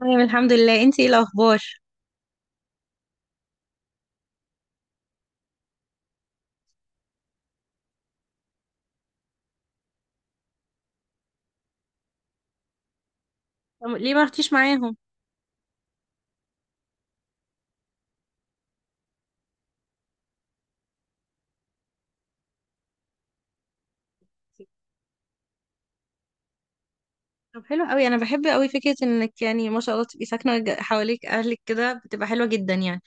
تمام الحمد لله، انتي ايه الاخبار؟ طب ليه ما رحتيش معاهم؟ طب حلو قوي، انا بحب قوي فكره انك يعني ما شاء الله تبقي ساكنه حواليك اهلك كده، بتبقى حلوه جدا يعني.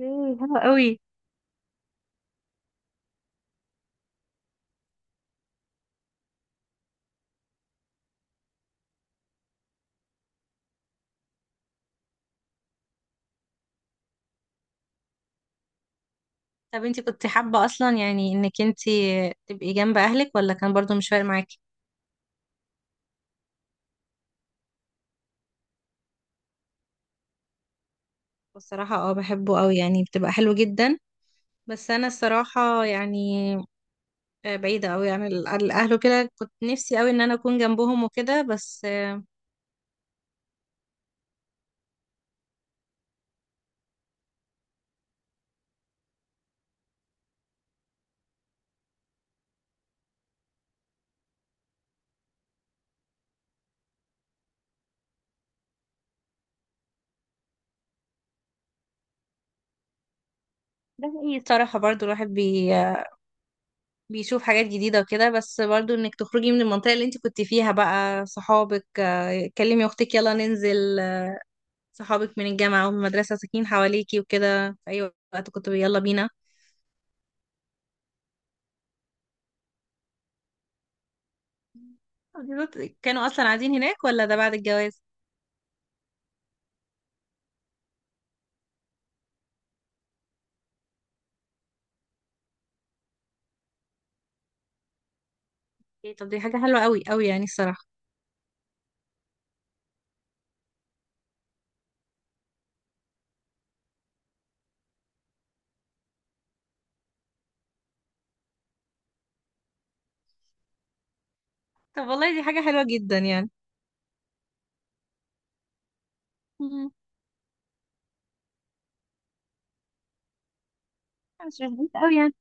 ايه، حلو قوي. طب انتي كنت حابه اصلا، يعني انك انتي تبقي جنب اهلك، ولا كان برضو مش فارق معاكي؟ بصراحه، اه، بحبه قوي يعني، بتبقى حلو جدا. بس انا الصراحه يعني بعيده قوي عن عن الاهل وكده، كنت نفسي قوي ان انا اكون جنبهم وكده بس ده حقيقي، الصراحه برضو الواحد بيشوف حاجات جديدة وكده، بس برضو انك تخرجي من المنطقة اللي انت كنت فيها بقى، صحابك كلمي اختك يلا ننزل، صحابك من الجامعة ومن المدرسة ساكنين حواليكي وكده، في اي وقت كنت يلا بينا. بالظبط، كانوا اصلا قاعدين هناك ولا ده بعد الجواز؟ إيه، طب دي حاجة حلوة قوي قوي يعني الصراحة. طب والله، دي حاجة حلوة جدا يعني. مم. مش بعيد قوي يعني.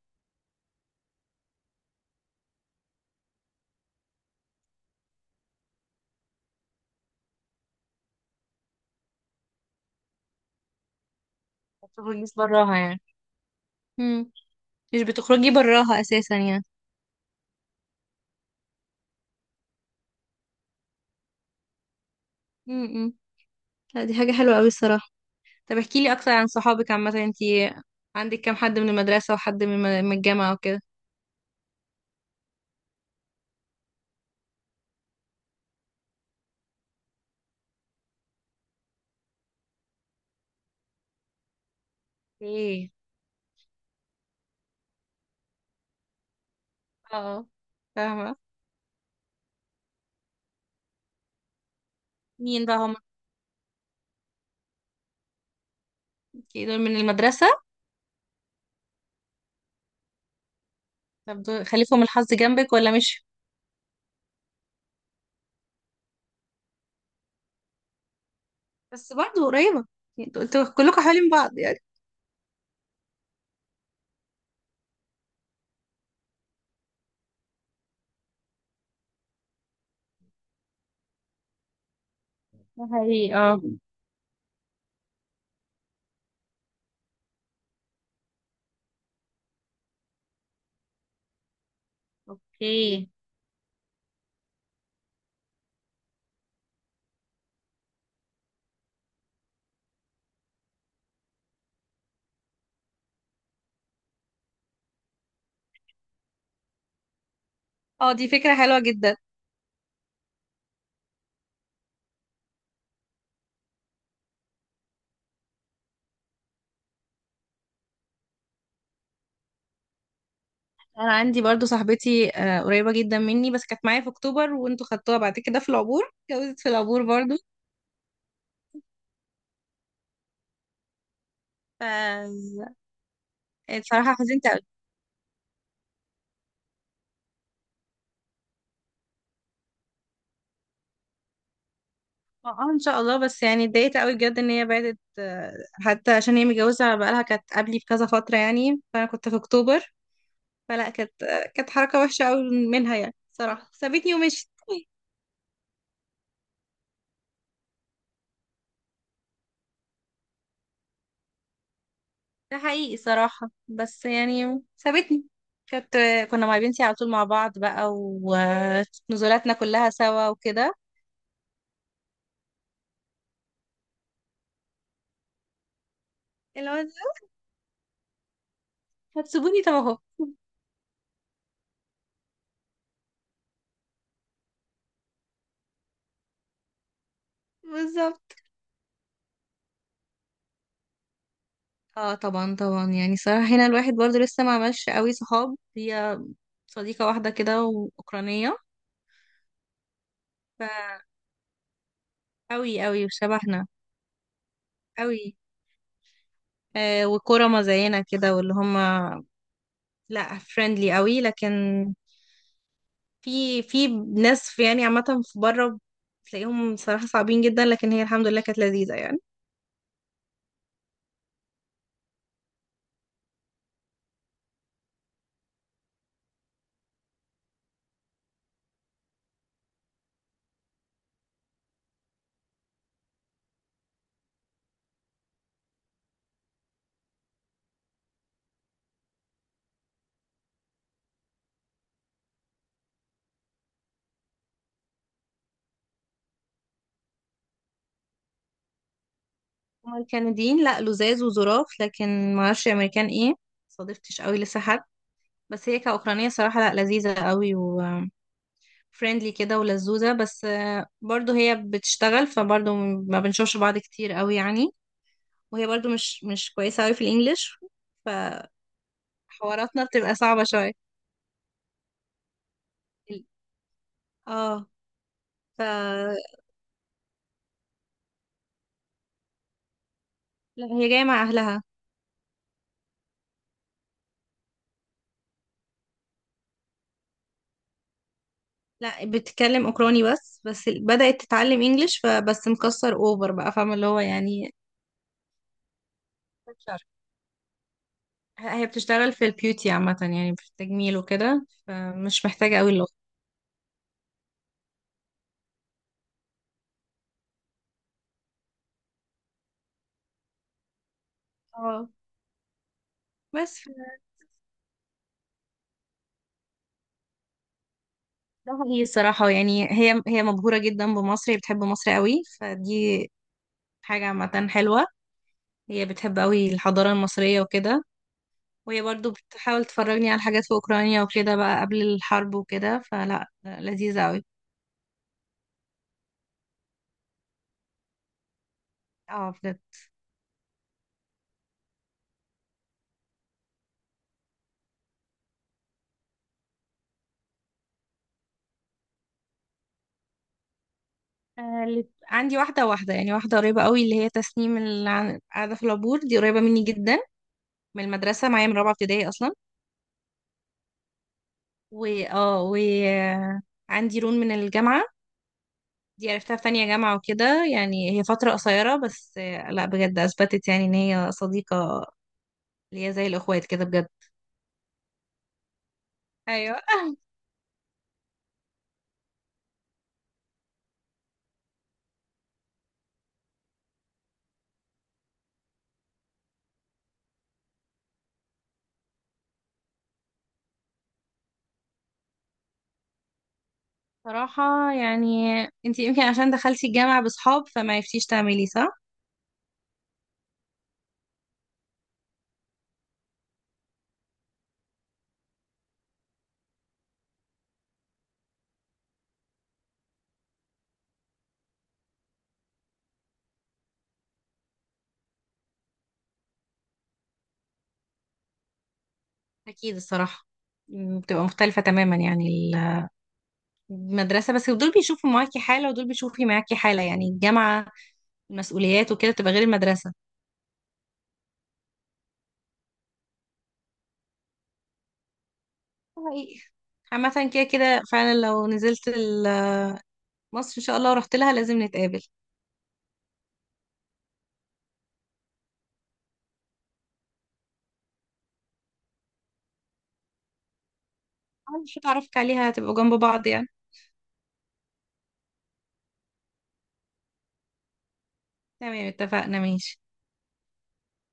ما بتخرجيش براها يعني؟ مم. مش بتخرجي براها اساسا يعني. مم. مم. لا، دي حاجة حلوة قوي الصراحة. طب احكي لي اكتر عن صحابك عامه، انتي عندك كام حد من المدرسه وحد من من الجامعه وكده؟ ايه. اه. فاهمه. مين بقى هم؟ اوكي، دول من المدرسه. طب دول خليفهم الحظ جنبك ولا مش؟ بس برضه قريبه يعني، انتوا كلكم حوالين بعض يعني. ده حقيقي، اه. اوكي. اه، دي فكره حلوه جدا. انا عندي برضو صاحبتي قريبه جدا مني، بس كانت معايا في اكتوبر وانتوا خدتوها بعد كده في العبور، اتجوزت في العبور برضو. ف بصراحه حزنت. اه، ان شاء الله، بس يعني اتضايقت قوي بجد ان هي بعدت حتى عشان هي متجوزه بقالها، كانت قبلي بكذا فتره يعني، فانا كنت في اكتوبر. فلا، كانت حركه وحشه قوي منها، يعني صراحه سابتني ومشيت. ده حقيقي صراحه، بس يعني سابتني. كانت آه، كنا مع بنتي على طول مع بعض بقى، ونزولاتنا كلها سوا وكده. اللي هو هتسيبوني؟ طب اهو. بالظبط. اه، طبعا طبعا، يعني صراحه هنا الواحد برضو لسه ما عملش قوي صحاب. هي صديقه واحده كده واوكرانيه. ف أوي أوي وشبهنا أوي. آه، وكرما زينا كده، واللي هما لا فريندلي أوي، لكن في ناس في يعني عامة في بره تلاقيهم صراحة صعبين جدا، لكن هي الحمد لله كانت لذيذة يعني. هما الكنديين لا، لزاز وظراف، لكن معرفش أمريكان ايه، صادفتش أوي لسه حد. بس هي كأوكرانية صراحة لا، لذيذة أوي وفريندلي كده ولذوذة، بس برضو هي بتشتغل، فبرضو ما بنشوفش بعض كتير أوي يعني. وهي برضو مش كويسة أوي في الإنجليش، فحواراتنا بتبقى صعبة شوية. ال- اه ف لا، هي جاية مع أهلها. لا، بتتكلم أوكراني بس، بس بدأت تتعلم إنجليش، فبس مكسر أوفر بقى، فاهمة اللي هو يعني. شر. هي بتشتغل في البيوتي عامة، يعني في التجميل وكده، فمش محتاجة أوي اللغة. اه، بس ده هي الصراحة يعني هي مبهورة جدا بمصر، هي بتحب مصر قوي، فدي حاجة عامة حلوة. هي بتحب قوي الحضارة المصرية وكده. وهي برضو بتحاول تفرجني على حاجات في اوكرانيا وكده بقى قبل الحرب وكده، فلا لذيذة قوي. اه، بجد. عندي واحدة يعني واحدة قريبة قوي اللي هي تسنيم، اللي قاعدة في العبور، دي قريبة مني جدا، من المدرسة معايا من رابعة ابتدائي أصلا. و آه، عندي رون من الجامعة، دي عرفتها في تانية جامعة وكده، يعني هي فترة قصيرة، بس لا، بجد أثبتت يعني إن هي صديقة، اللي هي زي الأخوات كده بجد. ايوه، صراحة يعني انت يمكن عشان دخلتي الجامعة بصحاب فما عرفتيش تعملي، صح؟ أكيد الصراحة، بتبقى مختلفة تماما يعني. ال- المدرسة بس دول بيشوفوا معاكي حالة ودول بيشوفي معاكي حالة، يعني الجامعة، المسؤوليات وكده تبقى غير المدرسة. حقيقي. عامة كده كده فعلا، لو نزلت مصر إن شاء الله ورحت لها لازم نتقابل. أول حاجة أعرفك عليها، هتبقوا جنب بعض يعني. تمام، اتفقنا، ماشي.